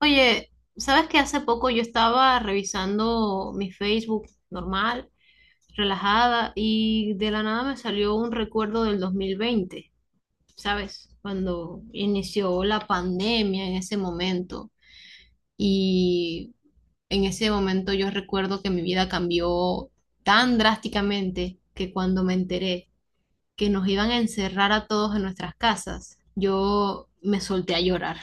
Oye, ¿sabes que hace poco yo estaba revisando mi Facebook normal, relajada, y de la nada me salió un recuerdo del 2020, ¿sabes? Cuando inició la pandemia en ese momento. Y en ese momento yo recuerdo que mi vida cambió tan drásticamente que cuando me enteré que nos iban a encerrar a todos en nuestras casas, yo me solté a llorar.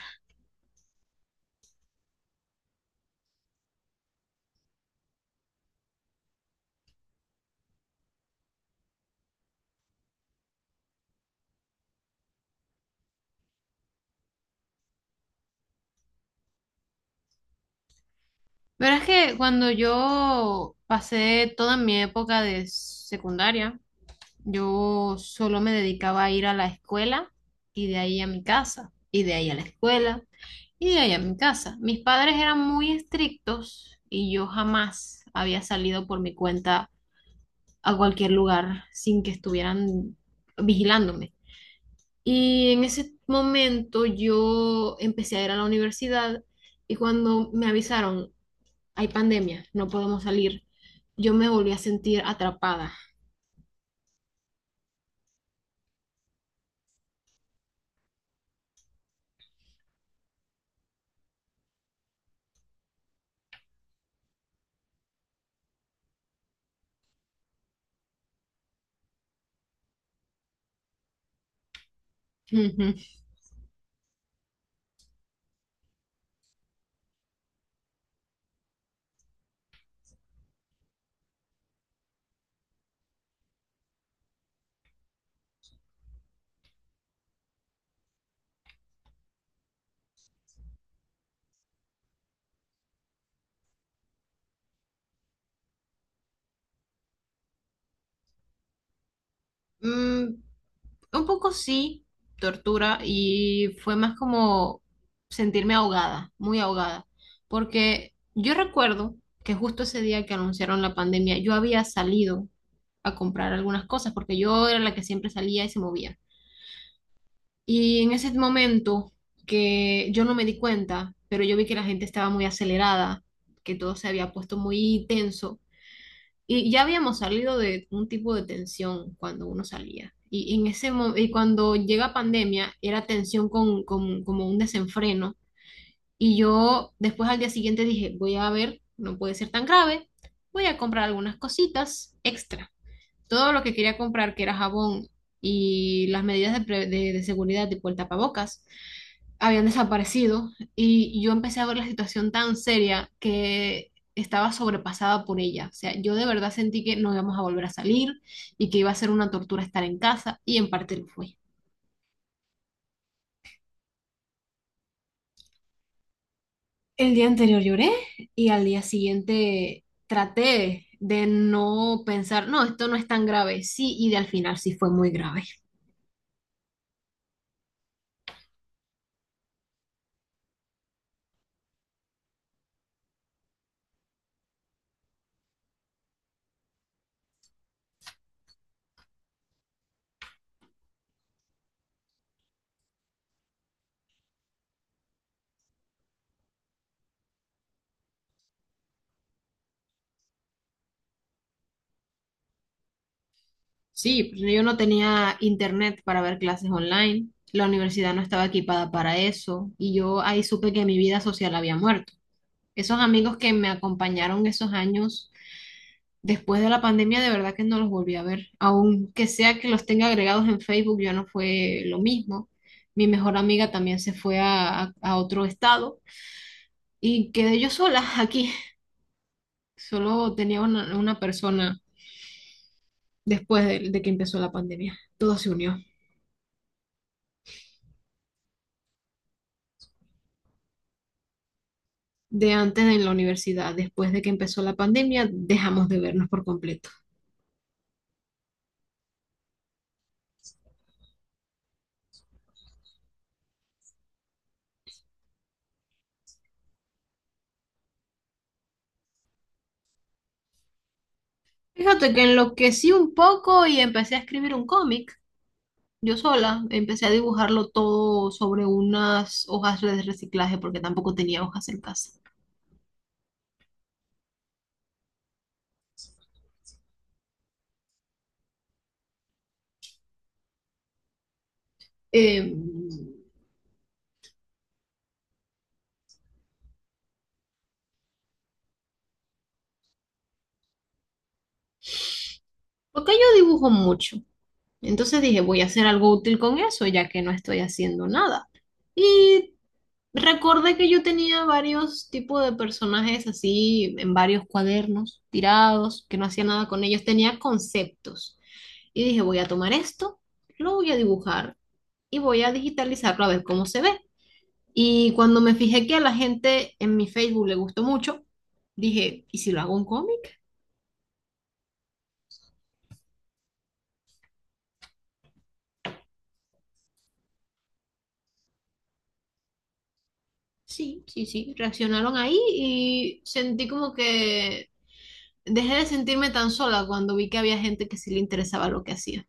Verás que cuando yo pasé toda mi época de secundaria, yo solo me dedicaba a ir a la escuela y de ahí a mi casa, y de ahí a la escuela y de ahí a mi casa. Mis padres eran muy estrictos y yo jamás había salido por mi cuenta a cualquier lugar sin que estuvieran vigilándome. Y en ese momento yo empecé a ir a la universidad y cuando me avisaron hay pandemia, no podemos salir, yo me volví a sentir atrapada. Ujú. Mm, un poco sí, tortura, y fue más como sentirme ahogada, muy ahogada, porque yo recuerdo que justo ese día que anunciaron la pandemia, yo había salido a comprar algunas cosas, porque yo era la que siempre salía y se movía. Y en ese momento que yo no me di cuenta, pero yo vi que la gente estaba muy acelerada, que todo se había puesto muy tenso. Y ya habíamos salido de un tipo de tensión cuando uno salía. Y cuando llega pandemia, era tensión con, como un desenfreno. Y yo después al día siguiente dije, voy a ver, no puede ser tan grave, voy a comprar algunas cositas extra. Todo lo que quería comprar, que era jabón y las medidas de seguridad, tipo el tapabocas, habían desaparecido y yo empecé a ver la situación tan seria que estaba sobrepasada por ella. O sea, yo de verdad sentí que no íbamos a volver a salir y que iba a ser una tortura estar en casa y en parte lo fue. El día anterior lloré y al día siguiente traté de no pensar, no, esto no es tan grave, sí, y de al final sí fue muy grave. Sí, pues yo no tenía internet para ver clases online, la universidad no estaba equipada para eso y yo ahí supe que mi vida social había muerto. Esos amigos que me acompañaron esos años después de la pandemia, de verdad que no los volví a ver. Aunque sea que los tenga agregados en Facebook, ya no fue lo mismo. Mi mejor amiga también se fue a otro estado y quedé yo sola aquí. Solo tenía una persona después de que empezó la pandemia. Todo se unió. De antes en la universidad, después de que empezó la pandemia, dejamos de vernos por completo. Fíjate que enloquecí un poco y empecé a escribir un cómic. Yo sola empecé a dibujarlo todo sobre unas hojas de reciclaje porque tampoco tenía hojas en casa. Eh, Porque yo dibujo mucho. Entonces dije, voy a hacer algo útil con eso ya que no estoy haciendo nada. Y recordé que yo tenía varios tipos de personajes así en varios cuadernos tirados, que no hacía nada con ellos, tenía conceptos. Y dije, voy a tomar esto, lo voy a dibujar y voy a digitalizarlo a ver cómo se ve. Y cuando me fijé que a la gente en mi Facebook le gustó mucho, dije, ¿y si lo hago un cómic? Sí, sí, sí. Reaccionaron ahí y sentí como que dejé de sentirme tan sola cuando vi que había gente que sí le interesaba lo que hacía.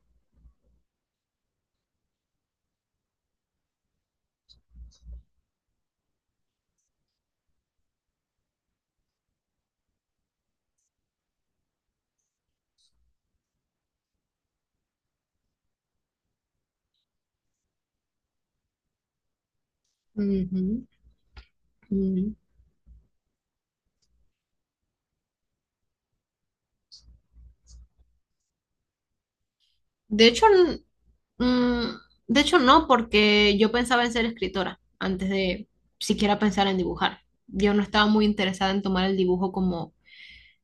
Ujú, ujú. De hecho, n- mm, de hecho no, porque yo pensaba en ser escritora antes de siquiera pensar en dibujar. Yo no estaba muy interesada en tomar el dibujo como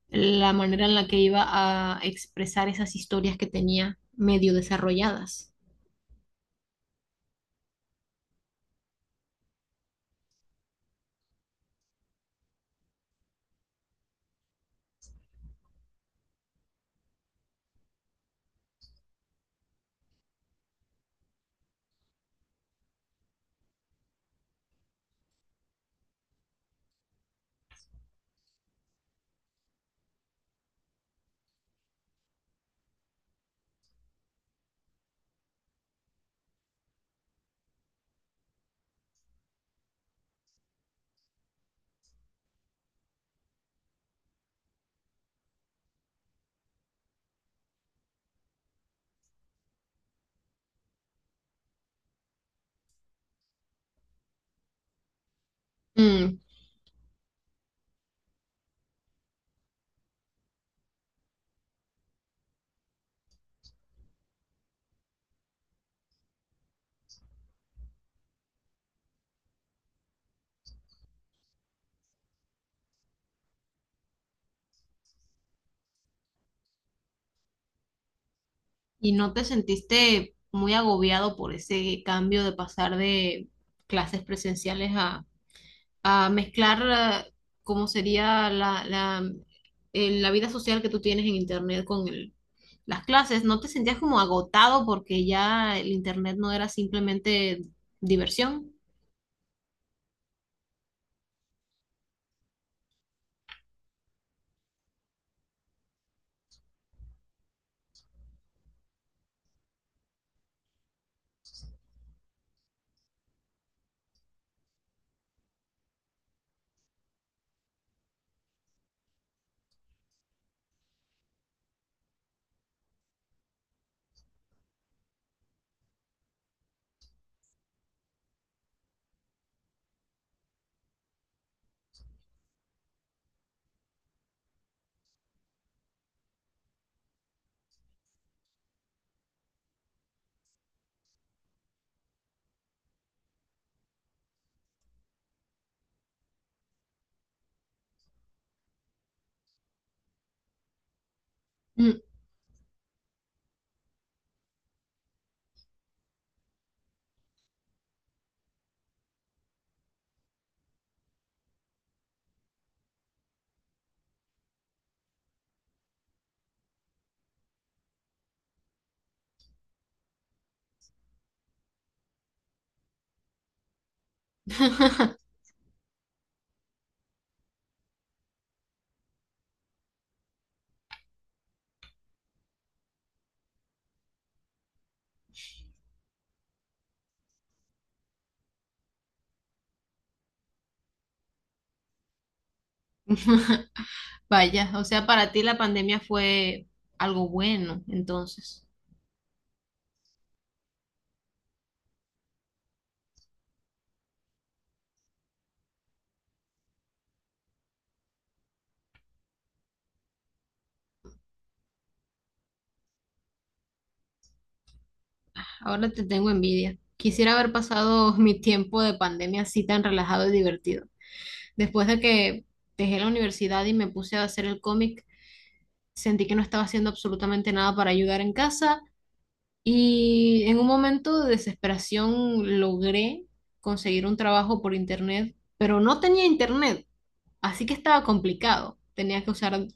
la manera en la que iba a expresar esas historias que tenía medio desarrolladas. Mm, ¿y no te sentiste muy agobiado por ese cambio de pasar de clases presenciales a mezclar cómo sería la vida social que tú tienes en Internet con las clases? ¿No te sentías como agotado porque ya el Internet no era simplemente diversión? Mm. Vaya, o sea, para ti la pandemia fue algo bueno, entonces. Ahora te tengo envidia. Quisiera haber pasado mi tiempo de pandemia así tan relajado y divertido. Después de que dejé la universidad y me puse a hacer el cómic, sentí que no estaba haciendo absolutamente nada para ayudar en casa y en un momento de desesperación logré conseguir un trabajo por internet, pero no tenía internet, así que estaba complicado. Tenía que usar.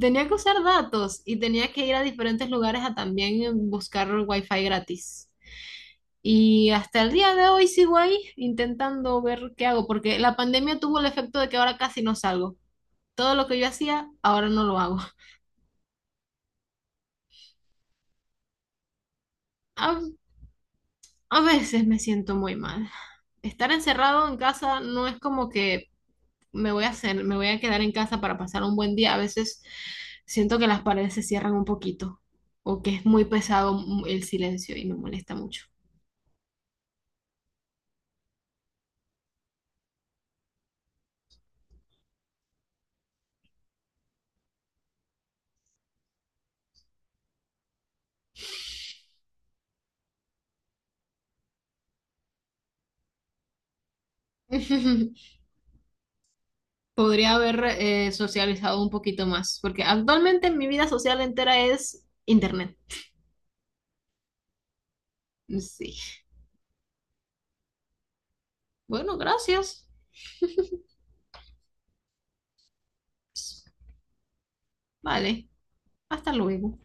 Tenía que usar datos y tenía que ir a diferentes lugares a también buscar wifi gratis. Y hasta el día de hoy sigo ahí intentando ver qué hago, porque la pandemia tuvo el efecto de que ahora casi no salgo. Todo lo que yo hacía, ahora no lo hago. A, a veces me siento muy mal. Estar encerrado en casa no es como que me voy a hacer, me voy a quedar en casa para pasar un buen día. A veces siento que las paredes se cierran un poquito o que es muy pesado el silencio y me molesta mucho. Podría haber socializado un poquito más, porque actualmente mi vida social entera es internet. Sí. Bueno, gracias. Vale, hasta luego.